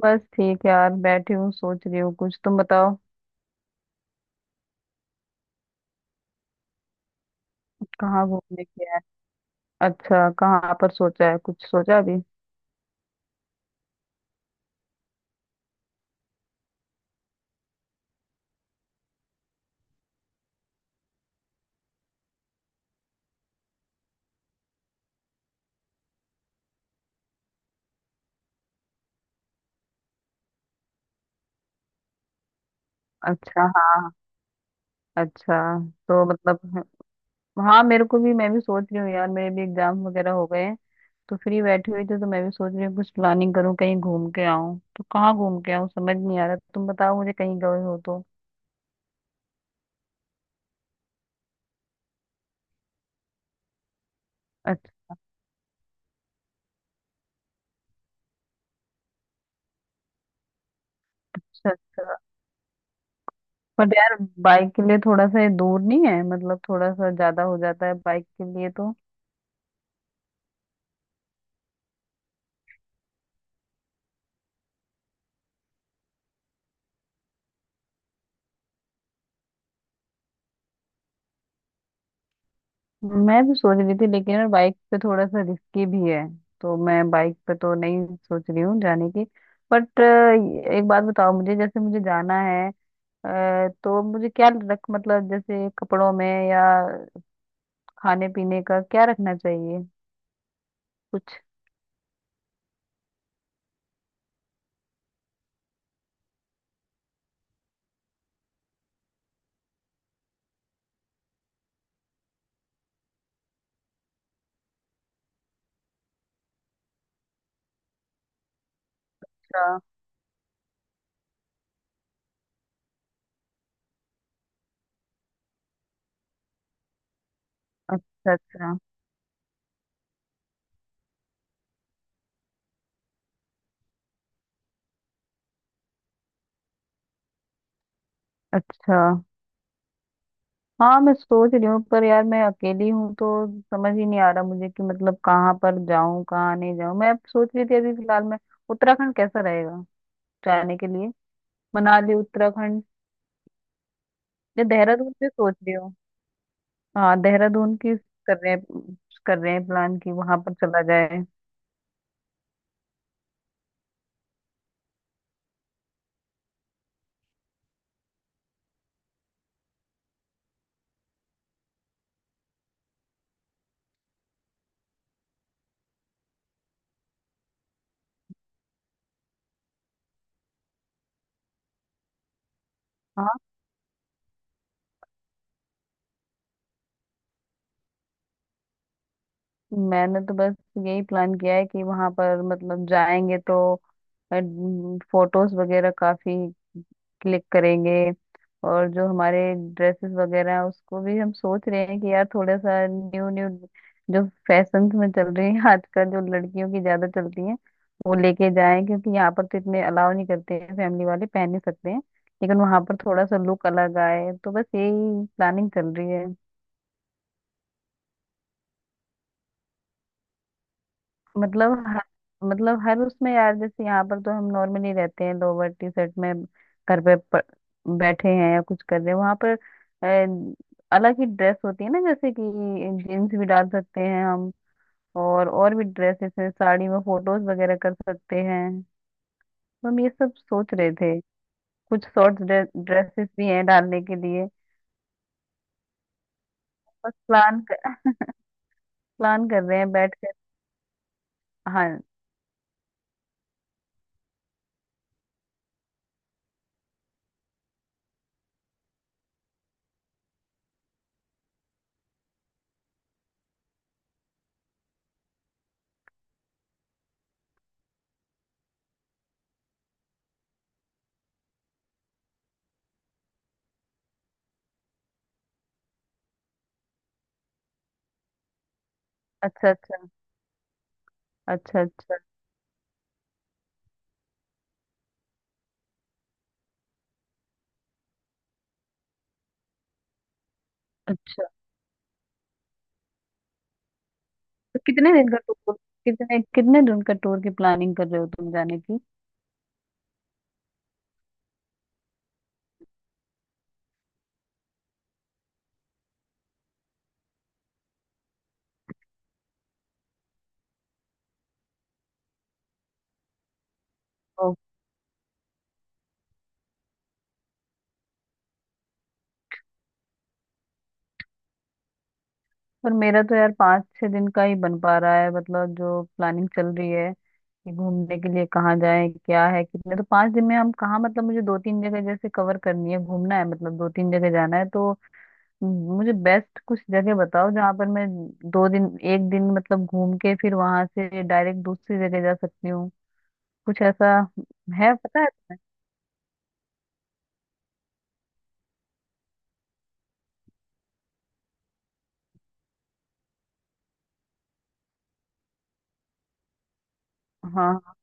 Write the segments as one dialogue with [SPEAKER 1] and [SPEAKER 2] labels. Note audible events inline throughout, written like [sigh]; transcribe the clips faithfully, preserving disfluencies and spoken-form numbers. [SPEAKER 1] बस ठीक है यार। बैठी हूँ, सोच रही हूँ कुछ। तुम बताओ। कहाँ घूमने की है? अच्छा, कहाँ पर सोचा है? कुछ सोचा अभी? अच्छा। हाँ। अच्छा। तो मतलब, हाँ मेरे को भी, मैं भी सोच रही हूँ यार। मेरे भी एग्जाम वगैरह हो गए हैं। तो फ्री बैठी हुई थी, तो मैं भी सोच रही हूँ कुछ प्लानिंग करूँ, कहीं घूम के आऊँ। तो कहाँ घूम के आऊँ समझ नहीं आ रहा। तुम बताओ मुझे, कहीं गए हो तो। अच्छा, अच्छा। पर यार बाइक के लिए थोड़ा सा ये दूर नहीं है? मतलब थोड़ा सा ज्यादा हो जाता है बाइक के लिए, तो मैं भी सोच रही थी। लेकिन यार बाइक पे थोड़ा सा रिस्की भी है, तो मैं बाइक पे तो नहीं सोच रही हूँ जाने की। बट एक बात बताओ मुझे, जैसे मुझे जाना है। अ, तो मुझे क्या रख, मतलब जैसे कपड़ों में या खाने पीने का क्या रखना चाहिए कुछ? अच्छा। अच्छा। अच्छा, अच्छा। हाँ, मैं सोच रही हूँ पर यार मैं अकेली हूँ, तो समझ ही नहीं आ रहा मुझे कि मतलब कहाँ पर जाऊँ, कहाँ नहीं जाऊँ। मैं अब सोच रही थी, अभी फिलहाल मैं उत्तराखंड कैसा रहेगा जाने के लिए? मनाली, उत्तराखंड या देहरादून भी सोच रही हूँ। हाँ, देहरादून की कर रहे हैं कर रहे हैं प्लान, कि वहां पर चला जाए। हाँ। मैंने तो बस यही प्लान किया है कि वहां पर मतलब जाएंगे तो फोटोज वगैरह काफी क्लिक करेंगे। और जो हमारे ड्रेसेस वगैरह हैं, उसको भी हम सोच रहे हैं कि यार थोड़ा सा न्यू न्यू, जो फैशन में चल रही है आजकल, जो लड़कियों की ज्यादा चलती हैं, वो लेके जाएं। क्योंकि यहाँ पर तो इतने अलाउ नहीं करते हैं, फैमिली वाले पहन नहीं सकते हैं, लेकिन वहां पर थोड़ा सा लुक अलग आए। तो बस यही प्लानिंग चल रही है। मतलब हर मतलब हर उसमें यार, जैसे यहाँ पर तो हम नॉर्मली रहते हैं लोअर टी शर्ट में। घर पे प- बैठे हैं या कुछ कर रहे हैं। वहां पर अ, अलग ही ड्रेस होती है ना, जैसे कि जीन्स भी डाल सकते हैं हम। और और भी ड्रेसेस हैं, साड़ी में फोटोज वगैरह कर सकते हैं। तो हम ये सब सोच रहे थे। कुछ शॉर्ट ड्रेसेस भी हैं डालने के लिए। बस प्लान प्लान कर रहे हैं बैठ कर। हाँ। अच्छा। अच्छा। अच्छा, अच्छा। तो कितने दिन का टूर कितने कितने दिन का टूर की प्लानिंग कर रहे हो तुम जाने की? ओ। पर मेरा तो यार पाँच छह दिन का ही बन पा रहा है। मतलब जो प्लानिंग चल रही है कि घूमने के लिए कहाँ जाए, क्या है कितने। तो पाँच दिन में हम कहाँ, मतलब मुझे दो तीन जगह जैसे कवर करनी है, घूमना है, मतलब दो तीन जगह जाना है। तो मुझे बेस्ट कुछ जगह बताओ जहाँ पर मैं दो दिन, एक दिन मतलब घूम के फिर वहां से डायरेक्ट दूसरी जगह जा सकती हूँ, कुछ ऐसा है पता है? हाँ।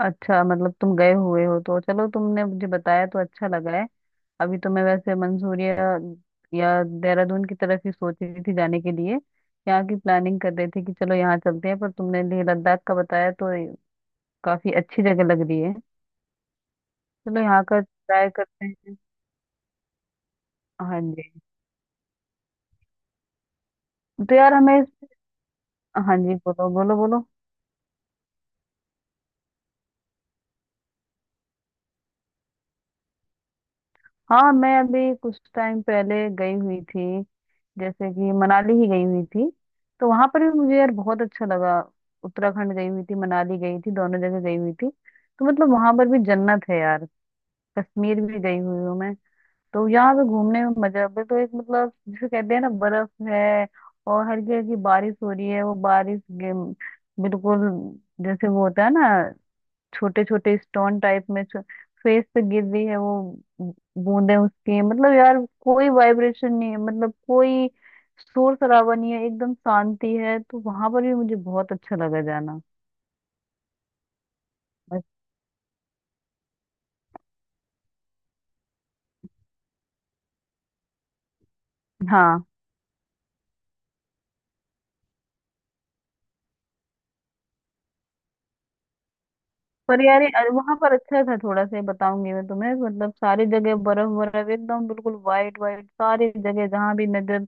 [SPEAKER 1] अच्छा, मतलब तुम गए हुए हो तो चलो, तुमने मुझे बताया तो अच्छा लगा है। अभी तो मैं वैसे मंसूरिया या देहरादून की तरफ ही सोच रही थी जाने के लिए, यहाँ की प्लानिंग कर रहे थे कि चलो यहाँ चलते हैं। पर तुमने लेह लद्दाख का बताया तो काफी अच्छी जगह लग रही है, चलो यहाँ का ट्राई करते हैं। हाँ जी। तो यार हमें, हाँ जी, बोलो बोलो बोलो। हाँ, मैं अभी कुछ टाइम पहले गई हुई थी, जैसे कि मनाली ही गई हुई थी। तो वहां पर भी मुझे यार बहुत अच्छा लगा। उत्तराखंड गई हुई थी, मनाली गई थी, दोनों जगह गई हुई थी। तो मतलब वहां पर भी जन्नत है यार। कश्मीर भी गई हुई हूँ मैं। तो यहाँ पे घूमने में मजा भी, तो एक मतलब जिसे कहते हैं ना, बर्फ है और हल्की हल्की बारिश हो रही है। वो बारिश गिम- बिल्कुल जैसे वो होता है ना, छोटे छोटे स्टोन टाइप में फेस पे गिर रही है वो बूंदे उसकी। मतलब यार कोई वाइब्रेशन नहीं है, मतलब कोई शोर शराबा नहीं है, एकदम शांति है। तो वहां पर भी मुझे बहुत अच्छा लगा जाना। बस। हाँ, पर यार वहां पर अच्छा था, थोड़ा सा ये बताऊंगी मैं तुम्हें। मतलब सारी जगह बर्फ बर्फ, एकदम बिल्कुल वाइट वाइट सारी जगह, जहां भी नजर,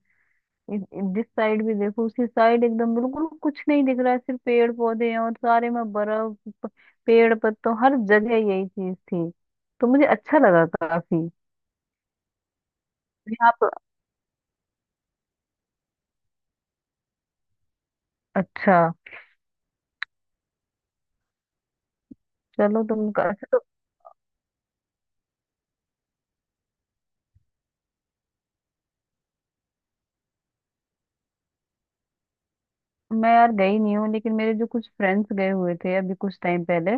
[SPEAKER 1] इ- इ- जिस साइड भी देखो उसी साइड एकदम बिल्कुल कुछ नहीं दिख रहा है, सिर्फ पेड़ पौधे हैं और सारे में बर्फ। प- पेड़ पत्तों, हर जगह यही चीज थी। तो मुझे अच्छा लगा काफी। भी आप। अच्छा, चलो तुम का- अच्छा, तो मैं यार गई नहीं हूँ, लेकिन मेरे जो कुछ फ्रेंड्स गए हुए थे अभी कुछ टाइम पहले,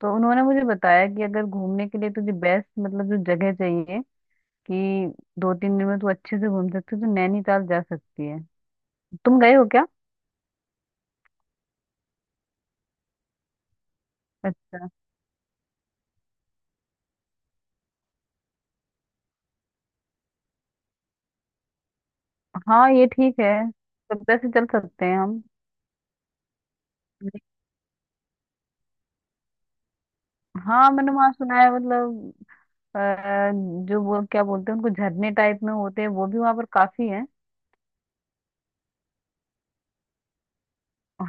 [SPEAKER 1] तो उन्होंने मुझे बताया कि अगर घूमने के लिए तुझे बेस्ट मतलब जो जगह चाहिए कि दो तीन दिन में तू अच्छे से घूम सकती है, तो नैनीताल जा सकती है। तुम गए हो क्या? अच्छा। हाँ, ये ठीक है। सभ्यता से चल सकते हैं हम। हाँ, मैंने वहाँ सुना है, मतलब अ, जो वो क्या बोलते हैं उनको, झरने टाइप में होते हैं, वो भी वहां पर काफी है।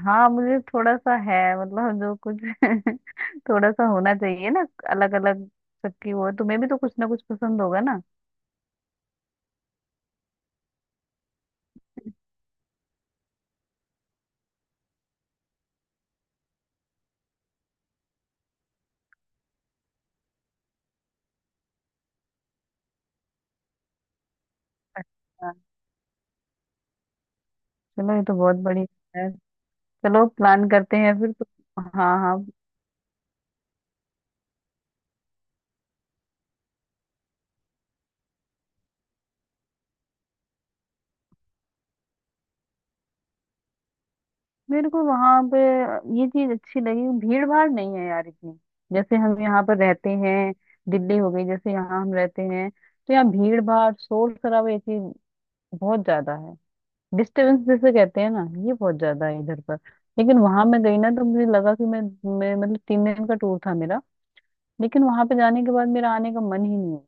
[SPEAKER 1] हाँ, मुझे थोड़ा सा है, मतलब जो कुछ [laughs] थोड़ा सा होना चाहिए ना, अलग अलग सबकी वो है। तुम्हें भी तो कुछ ना कुछ पसंद होगा ना? अच्छा। चलो, ये तो बहुत बढ़िया है। चलो प्लान करते हैं फिर तो। हाँ, हाँ। मेरे को वहां पे ये चीज अच्छी लगी, भीड़ भाड़ नहीं है यार इतनी। जैसे हम यहाँ पर रहते हैं, दिल्ली हो गई, जैसे यहाँ हम रहते हैं, तो यहाँ भीड़ भाड़, शोर शराबा, ये चीज बहुत ज्यादा है। डिस्टरबेंस जैसे कहते हैं ना, ये बहुत ज्यादा है इधर पर। लेकिन वहां मैं गई ना तो मुझे लगा कि मैं, मैं मतलब तीन दिन का टूर था मेरा, लेकिन वहां पे जाने के बाद मेरा आने का मन ही नहीं है।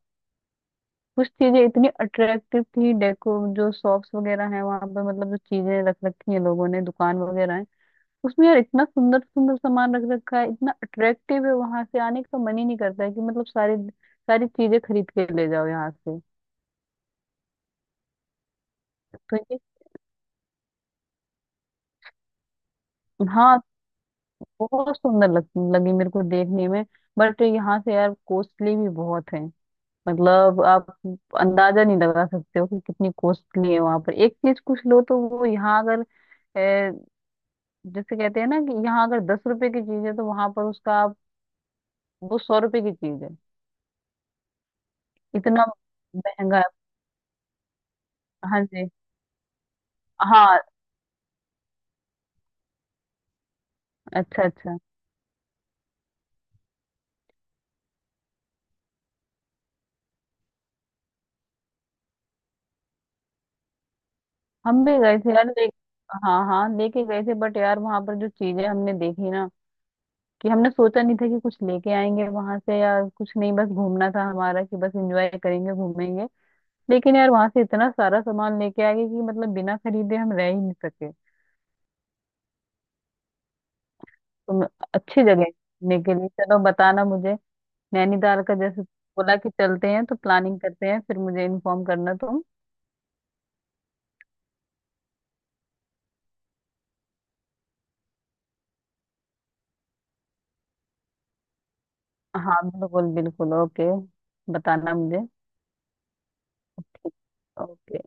[SPEAKER 1] कुछ चीजें इतनी अट्रैक्टिव थी डेको, जो शॉप्स वगैरह हैं वहां पर, मतलब जो चीजें रख रखी हैं लोगों ने, दुकान वगैरह हैं उसमें यार, इतना सुंदर सुंदर सामान रख रखा है, इतना अट्रैक्टिव है, वहां से आने का मन ही नहीं करता है कि मतलब सारी सारी चीजें खरीद के ले जाओ यहाँ से। तो ये हाँ, बहुत सुंदर लग, लगी मेरे को देखने में। बट यहाँ से यार कॉस्टली भी बहुत है। मतलब आप अंदाजा नहीं लगा सकते हो कि कितनी कॉस्टली है। वहां पर एक चीज कुछ लो तो वो, यहाँ अगर अ, जैसे कहते हैं ना कि यहाँ अगर दस रुपए की चीज है तो वहां पर उसका आप- वो सौ रुपए की चीज है, इतना महंगा है। हाँ जी। हाँ। अच्छा, अच्छा। हम भी गए थे यार ले, हाँ हाँ लेके गए थे। बट यार वहां पर जो चीजें हमने देखी ना, कि हमने सोचा नहीं था कि कुछ लेके आएंगे वहां से यार। कुछ नहीं, बस घूमना था हमारा, कि बस एंजॉय करेंगे, घूमेंगे। लेकिन यार वहां से इतना सारा सामान लेके आ गए कि मतलब बिना खरीदे हम रह ही नहीं सके। तो मैं- अच्छी जगह है घूमने के लिए, चलो बताना मुझे। नैनीताल का जैसे बोला कि चलते हैं, तो प्लानिंग करते हैं फिर, मुझे इन्फॉर्म करना तुम। हाँ, बिल्कुल बिल्कुल, ओके। बताना मुझे। ओके।